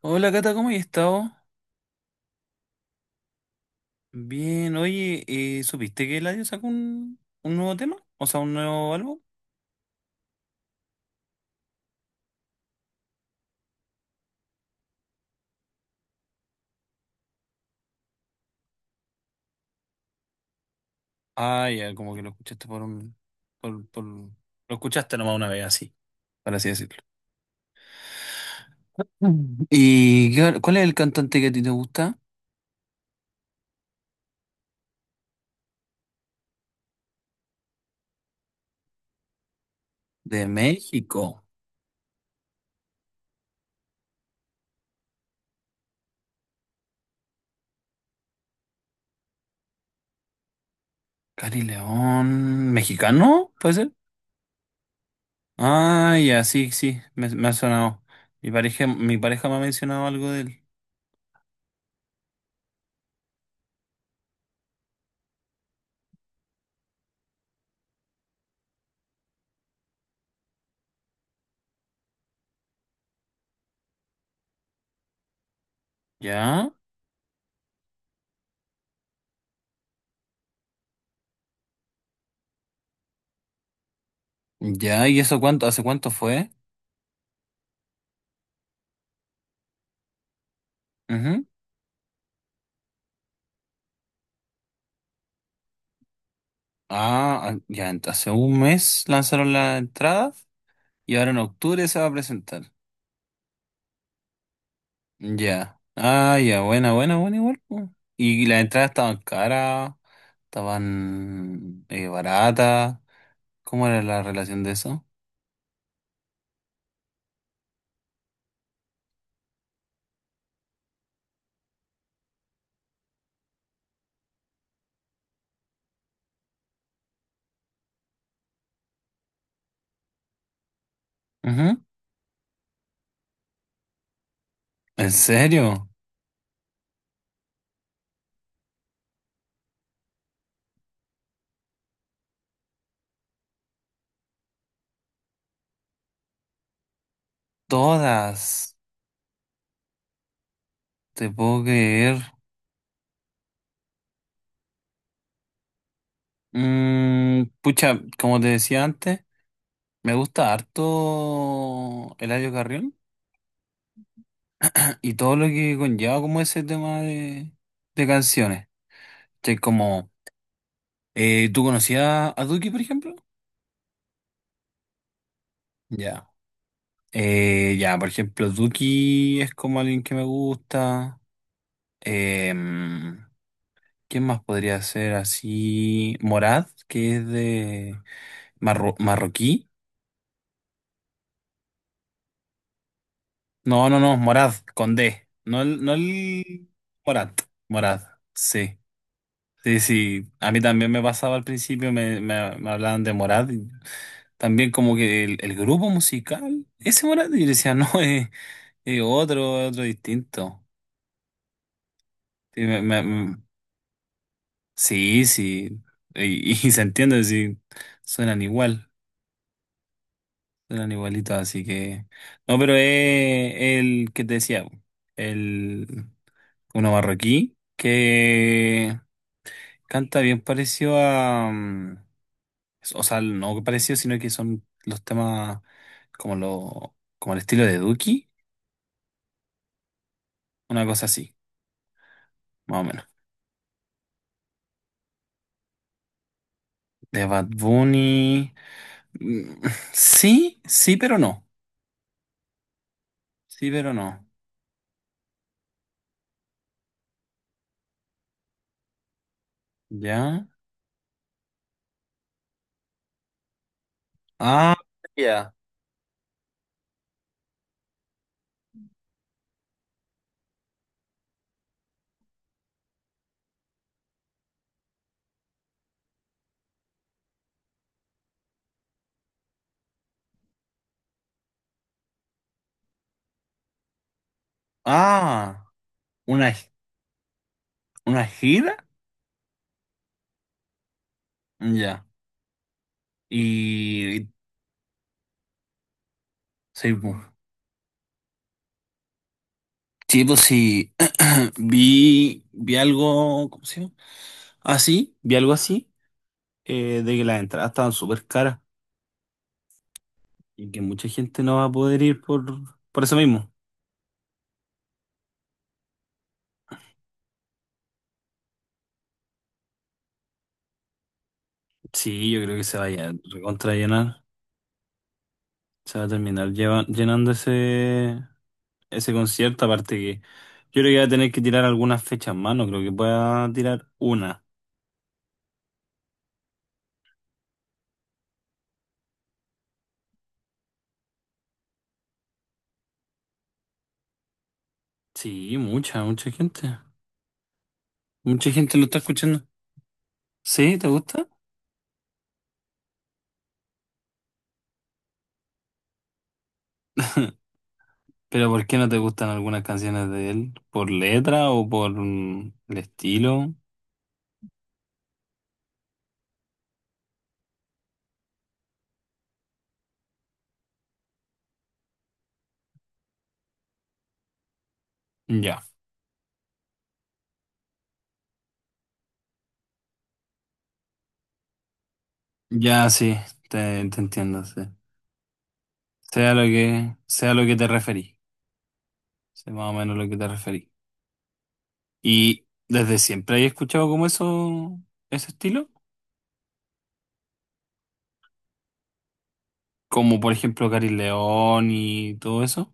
Hola Cata, ¿cómo has estado? Bien, oye, ¿supiste que Eladio sacó un nuevo tema? O sea, un nuevo álbum. Ah, ya, como que lo escuchaste por un... Lo escuchaste nomás una vez, así, por así decirlo. Mm. ¿Cuál es el cantante que a ti te gusta? De México. Cari León. ¿Mexicano? ¿Puede ser? Ah, ya, sí, sí, me ha sonado. Mi pareja me ha mencionado algo de él. ¿Ya? ¿Ya? ¿Y eso cuánto? ¿Hace cuánto fue? Ah, ah, ya, hace un mes lanzaron la entrada y ahora en octubre se va a presentar. Ya. Ah, ya, buena, buena, buena igual, po. Y las entradas estaban caras, estaban baratas. ¿Cómo era la relación de eso? Ujú. ¿En serio? Todas. Te puedo creer. Mm, pucha, como te decía antes, me gusta harto Eladio Carrión y todo lo que conlleva como ese tema de canciones. Sí, como, ¿tú conocías a Duki, por ejemplo? Ya. Ya, por ejemplo, Duki es como alguien que me gusta. Em, ¿quién más podría ser así? Morad, que es de marroquí. No, no, no, Morad, con D. No el Morad, Morad, sí. Sí, sí, a mí también me pasaba al principio, me hablaban de Morad. Y también como que el grupo musical, ese Morad, y yo decía, no, eh, y otro, otro distinto. Sí, sí, sí. Y se entiende, sí. Suenan igual, suenan igualitos, así que. No, pero es el que te decía, el uno marroquí que canta bien parecido a, mm, o sea, no parecido, sino que son los temas como lo, como el estilo de Duki, una cosa así, más o menos. De Bad Bunny. Mm, sí, sí, pero no. Sí, pero no. ¿Ya? Ah, ya. Ah, una, una gira. Ya. Y y- sí, pues. Sí, pues sí. Vi algo, ¿cómo se llama? Así, vi algo así, de que las entradas estaban súper caras y que mucha gente no va a poder ir por eso mismo. Sí, yo creo que se va a recontra llenar. Se va a terminar llenando ese, ese concierto, aparte que yo creo que va a tener que tirar algunas fechas más, no creo que pueda tirar una. Sí, mucha, mucha gente. Mucha gente lo está escuchando. ¿Sí? ¿Te gusta? ¿Pero por qué no te gustan algunas canciones de él? ¿Por letra o por mm, el estilo? Ya, ya sí, te entiendo, sí. Sea lo que te referí, sea más o menos lo que te referí. ¿Y desde siempre has escuchado como eso, ese estilo? Como por ejemplo Cari León y todo eso.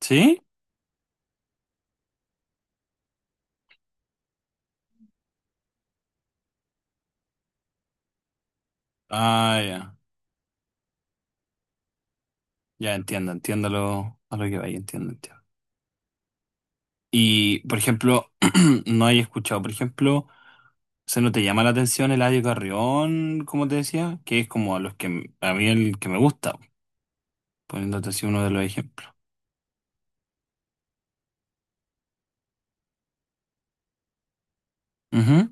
¿Sí? Ah, ya. Ya entiendo, entiendo lo, a lo que vaya, entiendo, entiendo. Y por ejemplo, no hay escuchado, por ejemplo, ¿se no te llama la atención Eladio Carrión, como te decía? Que es como a los que a mí el que me gusta, poniéndote así uno de los ejemplos. Ujú,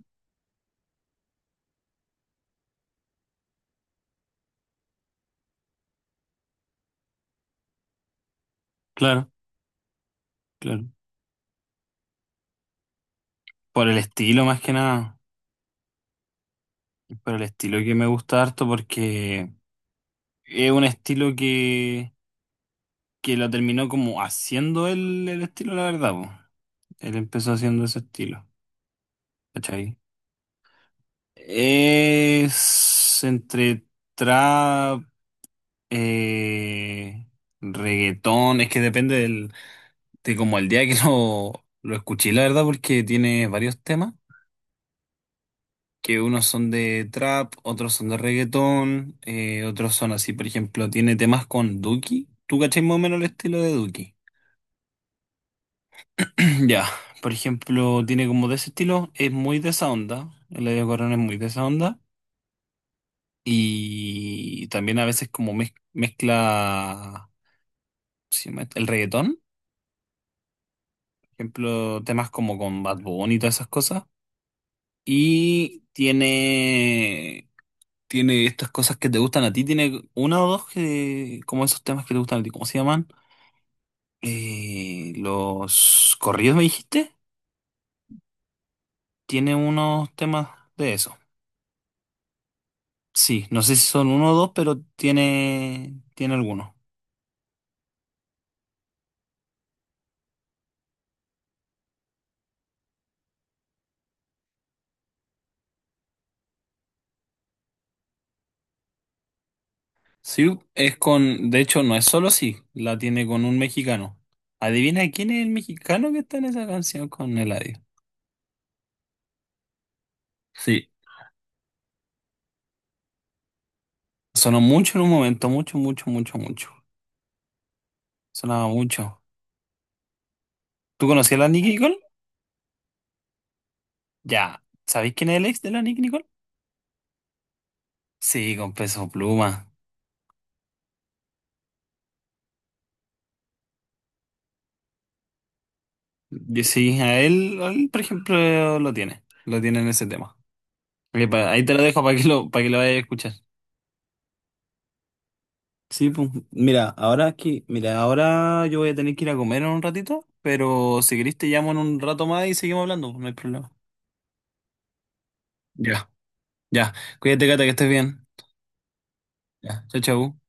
claro, claro. Por el estilo más que nada. Por el estilo que me gusta harto porque es un estilo que lo terminó como haciendo el estilo, la verdad, po. Él empezó haciendo ese estilo, ¿cachai? Es entre trap, eh, reggaetón, es que depende de como el día que lo escuché, la verdad, porque tiene varios temas, que unos son de trap, otros son de reggaetón, otros son así, por ejemplo, tiene temas con Duki. ¿Tú cachai más o menos el estilo de Duki? Ya, por ejemplo, tiene como de ese estilo, es muy de esa onda, el Eladio Corona es muy de esa onda, y también a veces como mezcla ¿cómo se llama esto? El reggaetón, por ejemplo, temas como con Bad Bunny y todas esas cosas, y tiene, tiene estas cosas que te gustan a ti, tiene una o dos que, como esos temas que te gustan a ti, ¿cómo se llaman? Los corridos, me dijiste, tiene unos temas de eso. Sí, no sé si son uno o dos, pero tiene, tiene alguno. Sí, es con, de hecho, no es solo sí, la tiene con un mexicano. Adivina quién es el mexicano que está en esa canción con Eladio. Sí, sonó mucho en un momento, mucho, mucho, mucho, mucho. Sonaba mucho. ¿Tú conocías a la Nicki Nicole? Ya. ¿Sabéis quién es el ex de la Nicki Nicole? Sí, con Peso Pluma. Yo sí, a él, por ejemplo, lo tiene. Lo tiene en ese tema. Ahí te lo dejo para que lo vayas a escuchar. Sí, pues, mira, ahora aquí, mira, ahora yo voy a tener que ir a comer en un ratito, pero si querés te llamo en un rato más y seguimos hablando, pues, no hay problema. Ya, ya. Cuídate, Cata, que estés bien. Ya, chao, chao.